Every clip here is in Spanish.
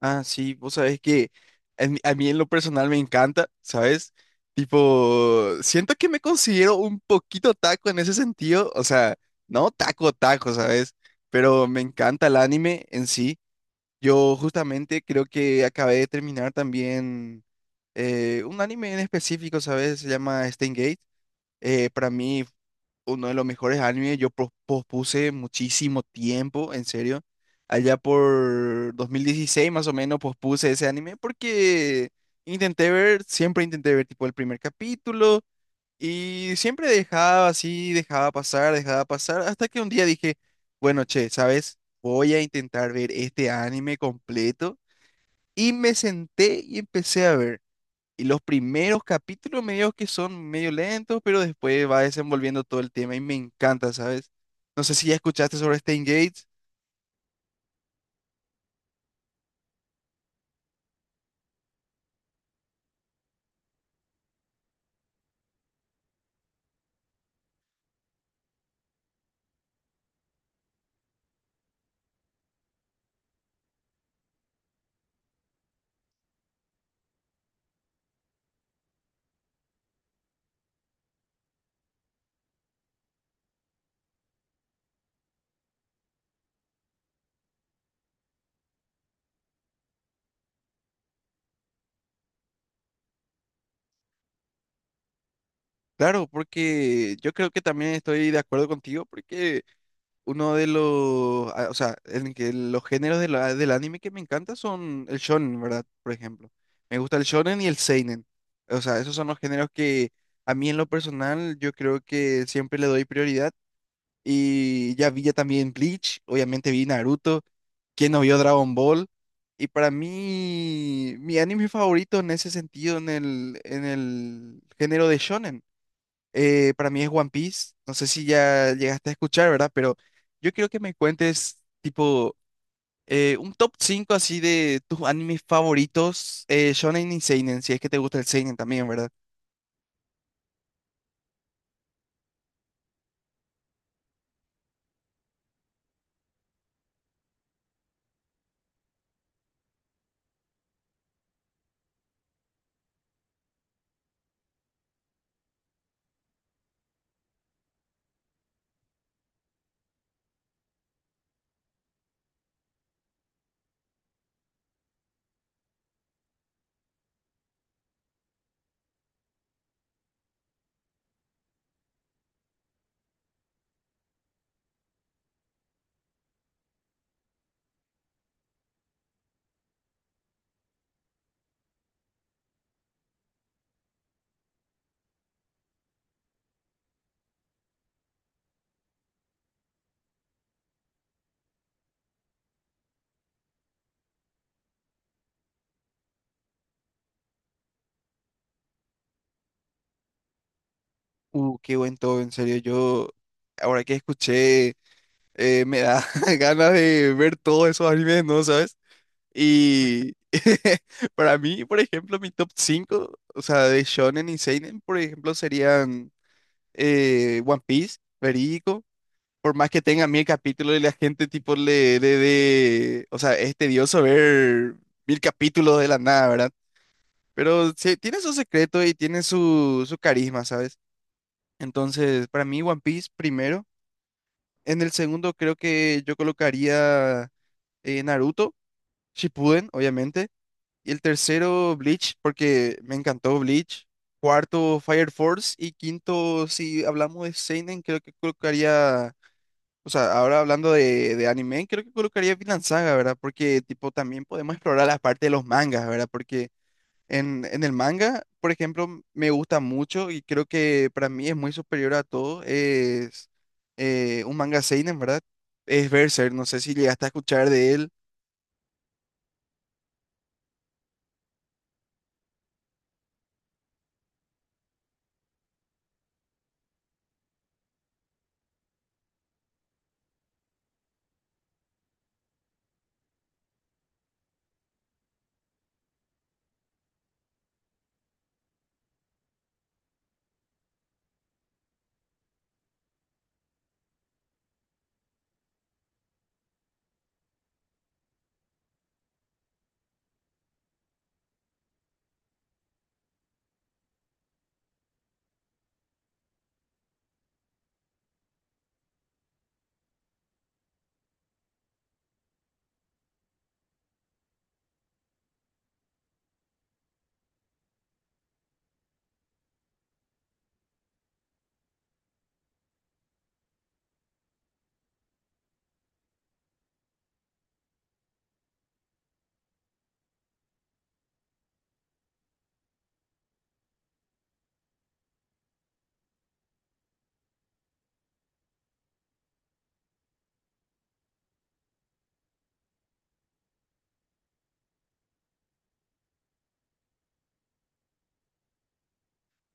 Ah, sí, vos sabés que a mí en lo personal me encanta, ¿sabes? Tipo, siento que me considero un poquito taco en ese sentido, o sea, no taco taco, ¿sabes? Pero me encanta el anime en sí. Yo justamente creo que acabé de terminar también un anime en específico, ¿sabes? Se llama Steins Gate. Para mí uno de los mejores animes. Yo pospuse muchísimo tiempo, en serio. Allá por 2016 más o menos pospuse ese anime porque intenté ver, siempre intenté ver tipo el primer capítulo y siempre dejaba así, dejaba pasar, hasta que un día dije, bueno, che, ¿sabes? Voy a intentar ver este anime completo y me senté y empecé a ver. Y los primeros capítulos medio que son medio lentos, pero después va desenvolviendo todo el tema y me encanta, ¿sabes? No sé si ya escuchaste sobre Stan Gates. Claro, porque yo creo que también estoy de acuerdo contigo, porque uno de los, o sea, en que los géneros de del anime que me encanta son el shonen, ¿verdad? Por ejemplo. Me gusta el shonen y el seinen. O sea, esos son los géneros que a mí en lo personal yo creo que siempre le doy prioridad. Y ya vi ya también Bleach, obviamente vi Naruto, quien no vio Dragon Ball. Y para mí, mi anime favorito en ese sentido, en el género de shonen, para mí es One Piece. No sé si ya llegaste a escuchar, ¿verdad? Pero yo quiero que me cuentes, tipo, un top 5 así de tus animes favoritos, shonen y seinen, si es que te gusta el seinen también, ¿verdad? Qué buen todo, en serio. Yo, ahora que escuché, me da ganas de ver todos esos animes, ¿no? ¿Sabes? Y para mí, por ejemplo, mi top cinco, o sea, de shonen y seinen, por ejemplo, serían One Piece, verídico. Por más que tenga mil capítulos y la gente tipo le dé, o sea, es tedioso ver mil capítulos de la nada, ¿verdad? Pero sí, tiene su secreto y tiene su carisma, ¿sabes? Entonces, para mí One Piece primero. En el segundo creo que yo colocaría Naruto Shippuden, obviamente. Y el tercero, Bleach, porque me encantó Bleach. Cuarto, Fire Force. Y quinto, si hablamos de seinen, creo que colocaría, o sea, ahora hablando de, anime, creo que colocaría Vinland Saga, ¿verdad? Porque, tipo, también podemos explorar la parte de los mangas, ¿verdad? Porque en el manga, por ejemplo, me gusta mucho y creo que para mí es muy superior a todo. Es un manga seinen, ¿verdad? Es Berserk, no sé si llegaste a escuchar de él.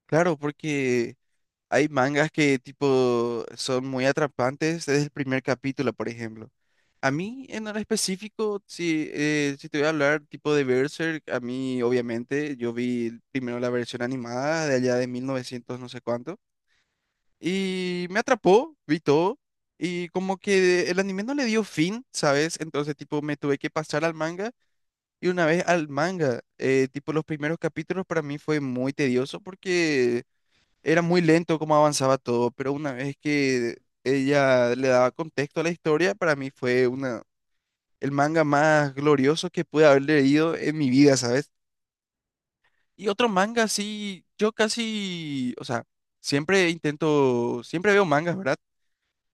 Claro, porque hay mangas que tipo son muy atrapantes desde el primer capítulo, por ejemplo. A mí en el específico, si te voy a hablar tipo de Berserk, a mí obviamente yo vi primero la versión animada de allá de 1900 no sé cuánto y me atrapó, vi todo, y como que el anime no le dio fin, ¿sabes? Entonces tipo me tuve que pasar al manga, y una vez al manga, tipo los primeros capítulos para mí fue muy tedioso porque era muy lento cómo avanzaba todo, pero una vez que ella le daba contexto a la historia, para mí fue una, el manga más glorioso que pude haber leído en mi vida, ¿sabes? Y otro manga, sí, yo casi, o sea, siempre intento, siempre veo mangas, ¿verdad?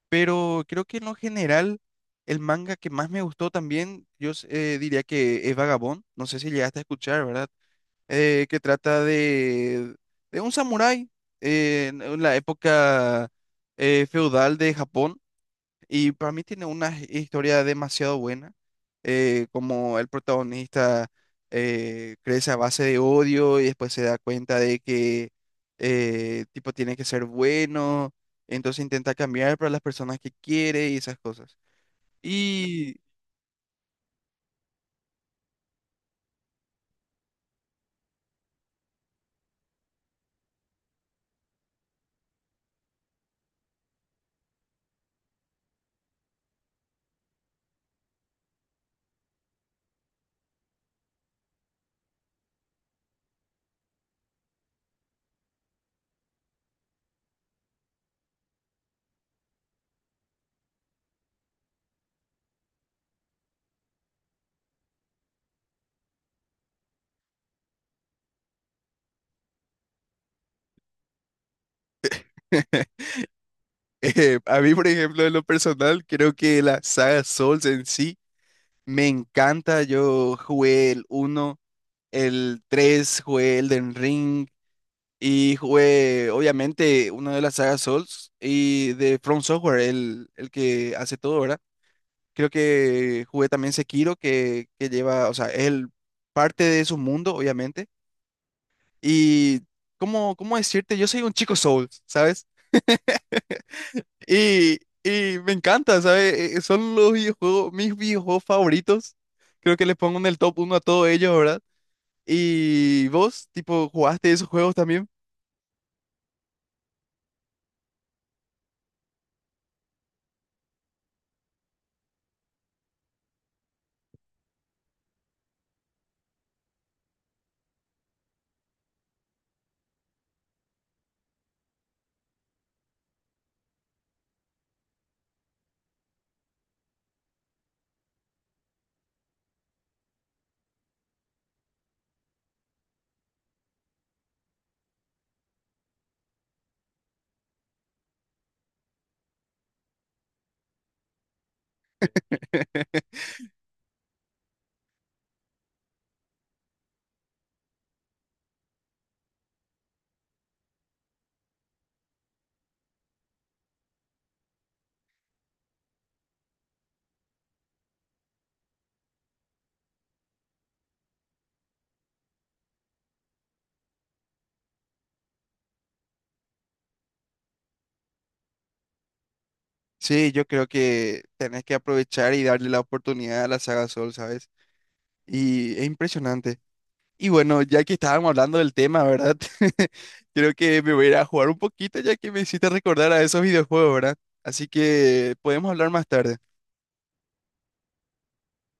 Pero creo que en lo general, el manga que más me gustó también, diría que es Vagabond, no sé si llegaste a escuchar, ¿verdad? Que trata de, un samurái en la época feudal de Japón. Y para mí tiene una historia demasiado buena, como el protagonista crece a base de odio y después se da cuenta de que, tipo, tiene que ser bueno, entonces intenta cambiar para las personas que quiere y esas cosas. Y a mí, por ejemplo, en lo personal, creo que la saga Souls en sí me encanta. Yo jugué el uno, el tres, jugué Elden Ring y jugué obviamente una de las sagas Souls y de From Software, el que hace todo, ¿verdad? Creo que jugué también Sekiro, que lleva, o sea, es parte de su mundo, obviamente. Y, ¿cómo decirte, yo soy un chico Souls, ¿sabes? Y me encanta, ¿sabes? Son los videojuegos, mis videojuegos favoritos. Creo que les pongo en el top uno a todos ellos, ¿verdad? ¿Y vos, tipo, jugaste esos juegos también? Sí, yo creo que tenés que aprovechar y darle la oportunidad a la saga Soul, ¿sabes? Y es impresionante. Y bueno, ya que estábamos hablando del tema, ¿verdad? Creo que me voy a ir a jugar un poquito ya que me hiciste recordar a esos videojuegos, ¿verdad? Así que podemos hablar más tarde.